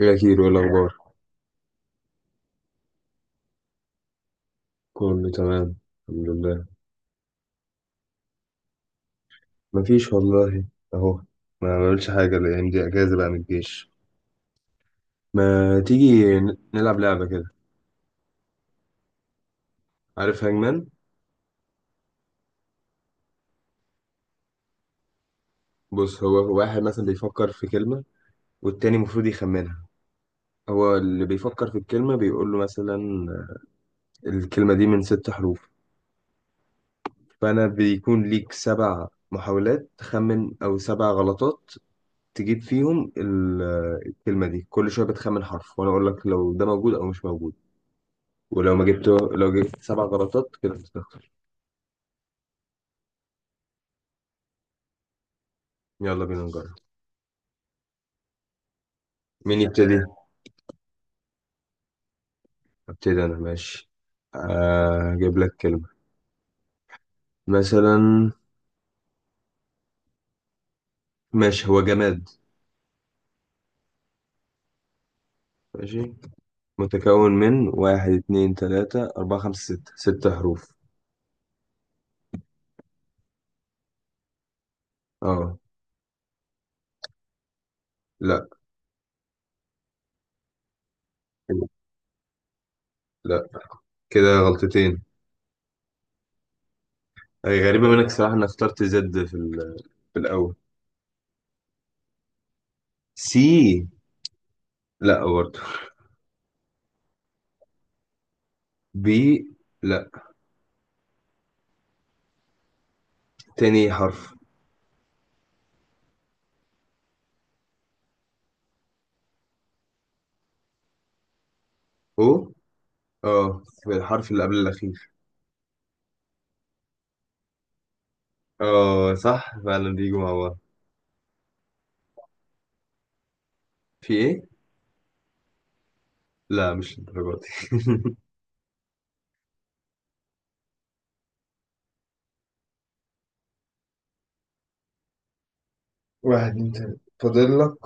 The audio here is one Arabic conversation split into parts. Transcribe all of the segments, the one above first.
إيه أكيد ولا أخبار. كله تمام. الحمد لله. مفيش والله. أهو. ما بعملش حاجة الأيام دي، أجازة بقى من الجيش. ما تيجي نلعب لعبة كده؟ عارف هانجمان؟ بص، هو واحد مثلا بيفكر في كلمة والتاني المفروض يخمنها. هو اللي بيفكر في الكلمة بيقول له مثلا الكلمة دي من ست حروف. فأنا بيكون ليك سبع محاولات تخمن أو سبع غلطات تجيب فيهم الكلمة دي. كل شوية بتخمن حرف وأنا أقول لك لو ده موجود أو مش موجود. ولو ما جبت لو جبت سبع غلطات كده بتخسر. يلا بينا نجرب. مين يبتدي؟ ابتدي انا، ماشي. آه، اجيب لك كلمة مثلا. ماشي، هو جماد. ماشي، متكون من واحد اتنين تلاتة أربعة خمسة ستة، ست حروف. اه. لا. لا، كده غلطتين. أي غريبة منك صراحة إنك اخترت زد في، في الأول. سي، لا برضه. بي، لا. تاني حرف او. اه، في الحرف اللي قبل الأخير. اه، صح فعلا بيجوا مع بعض. في ايه؟ لا، مش للدرجة دي. واحد اتنين تلاتة، فاضل لك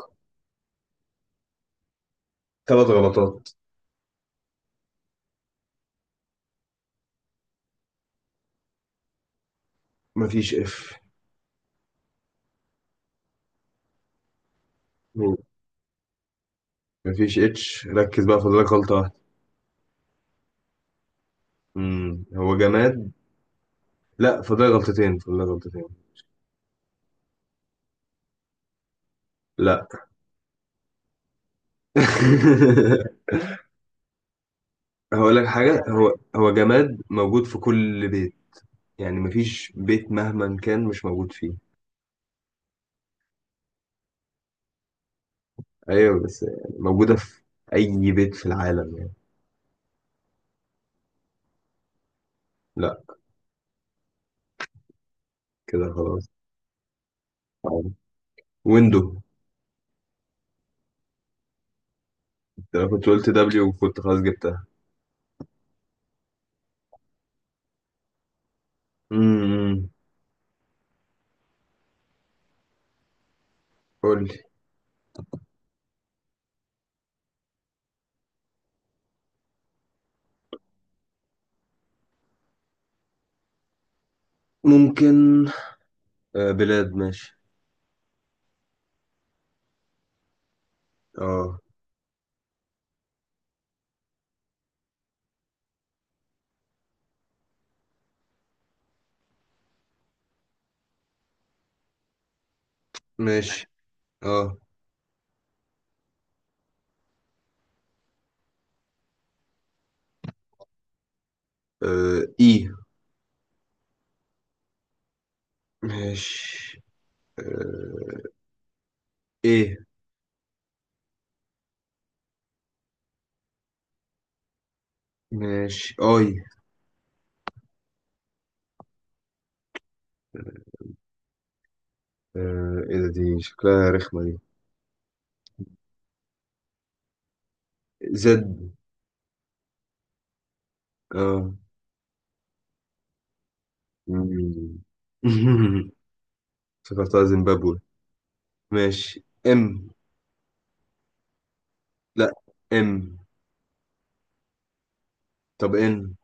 ثلاث غلطات. مفيش اف. مفيش اتش، ركز بقى، فاضلك غلطة واحدة. مم. هو جماد. لا، فاضلك غلطتين، فاضلك غلطتين. لا. هقول لك حاجة. هو هو جماد موجود في كل بيت. يعني مفيش بيت مهما كان مش موجود فيه. ايوه، بس يعني موجودة في اي بيت في العالم يعني. لا، كده خلاص. ويندو. انا كنت قلت دبليو وكنت خلاص جبتها. امم. قول لي. ممكن. آه، بلاد، ماشي. اه. ماشي. اه. آه، اي. ماشي. آه، ايه. ماشي. اي. آه، ايه ده، دي شكلها رخمة دي. زد. اه. مم. افتكرتها زيمبابوي. ماشي، ام. لا. ام. طب ان.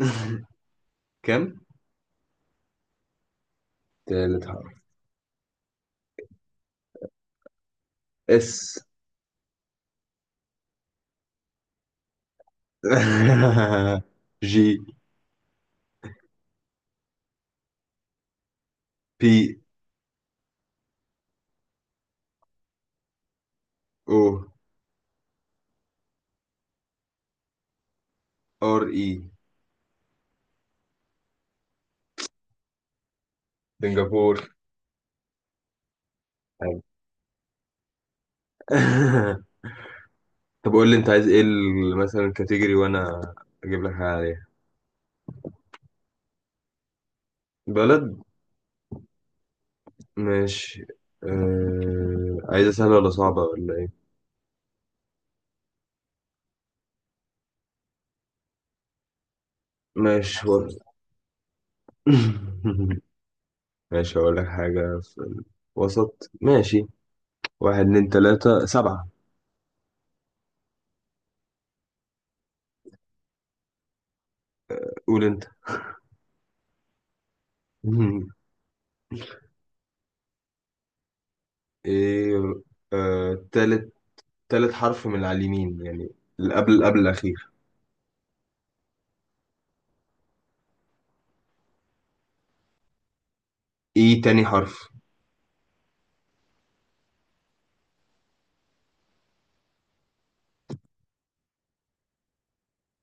كم؟ تالت حرف. اس. جي. بي. او. ار اي. سنغافور. أيوة. طب قول لي انت عايز ايه مثلا الكاتيجوري وانا اجيب لك حاجه عليها. بلد، ماشي. آه، عايزه سهله ولا صعبه ولا ايه؟ ماشي ماشي، هقول لك حاجه في الوسط، ماشي. واحد اتنين تلاته سبعه. قول انت. ايه. آه، تالت. تالت حرف من على اليمين يعني، اللي قبل قبل الاخير. ايه تاني حرف.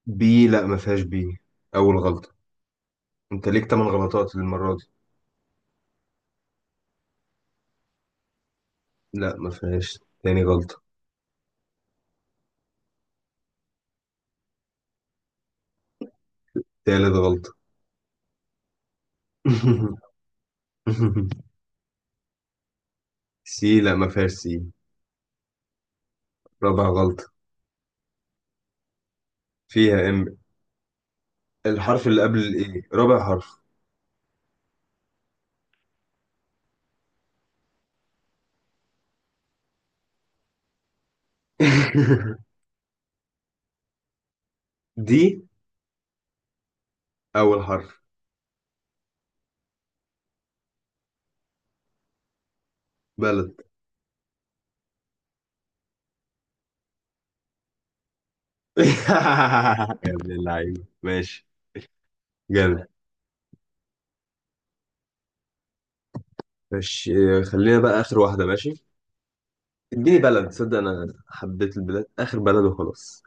بي، لا ما فيهاش بي، اول غلطه. انت ليك تمن غلطات المرة دي. لا ما فيهاش، تاني غلطة. تالت غلطة. سي، لا ما فيهاش سي. رابع غلطة. فيها ام. الحرف اللي قبل الايه، رابع حرف. دي. اول حرف. بلد. يا ابن اللعيبة، ماشي. جامد. ماشي. اه، خلينا بقى اخر واحدة، ماشي. اديني بلد، تصدق انا حبيت البلاد، اخر بلد وخلاص.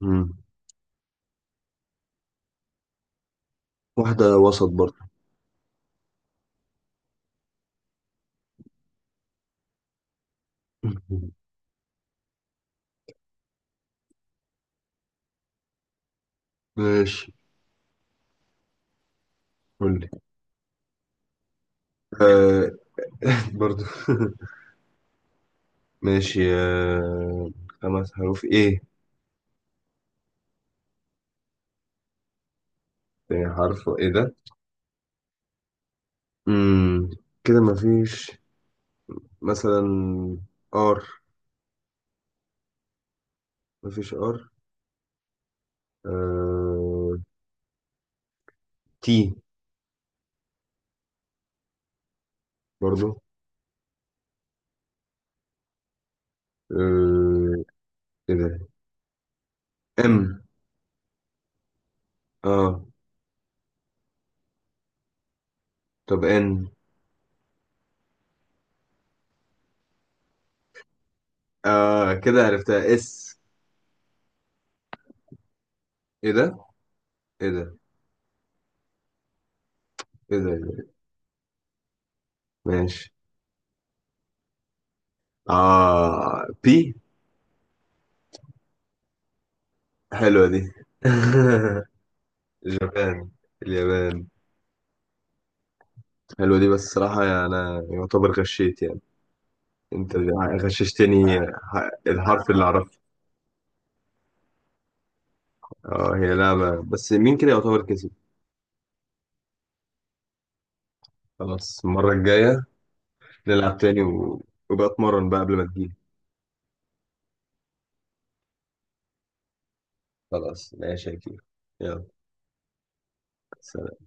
مم. واحدة وسط برضه. ماشي، قول لي. آه. برضه ماشي، آه، خمس حروف ايه. تاني حرف ايه ده. امم. كده مفيش مثلا ار. مفيش ار. آه، تي. برضو. آه. ايه ده. ام. اه. طب ان. اه كده عرفتها، اس. ايه ده، ايه ده، ايه ده، إيه ده؟ ماشي. اه، بي. حلوة دي. جبان. اليابان. حلوة دي، بس صراحة يعني أنا يعتبر غشيت يعني. انت غششتني الحرف اللي اعرفه. اه، هي لعبة، بس مين كده يعتبر كسب. خلاص، المرة الجاية نلعب تاني وبقى اتمرن بقى قبل ما تجيلي. خلاص ماشي يا كبير. يلا. سلام.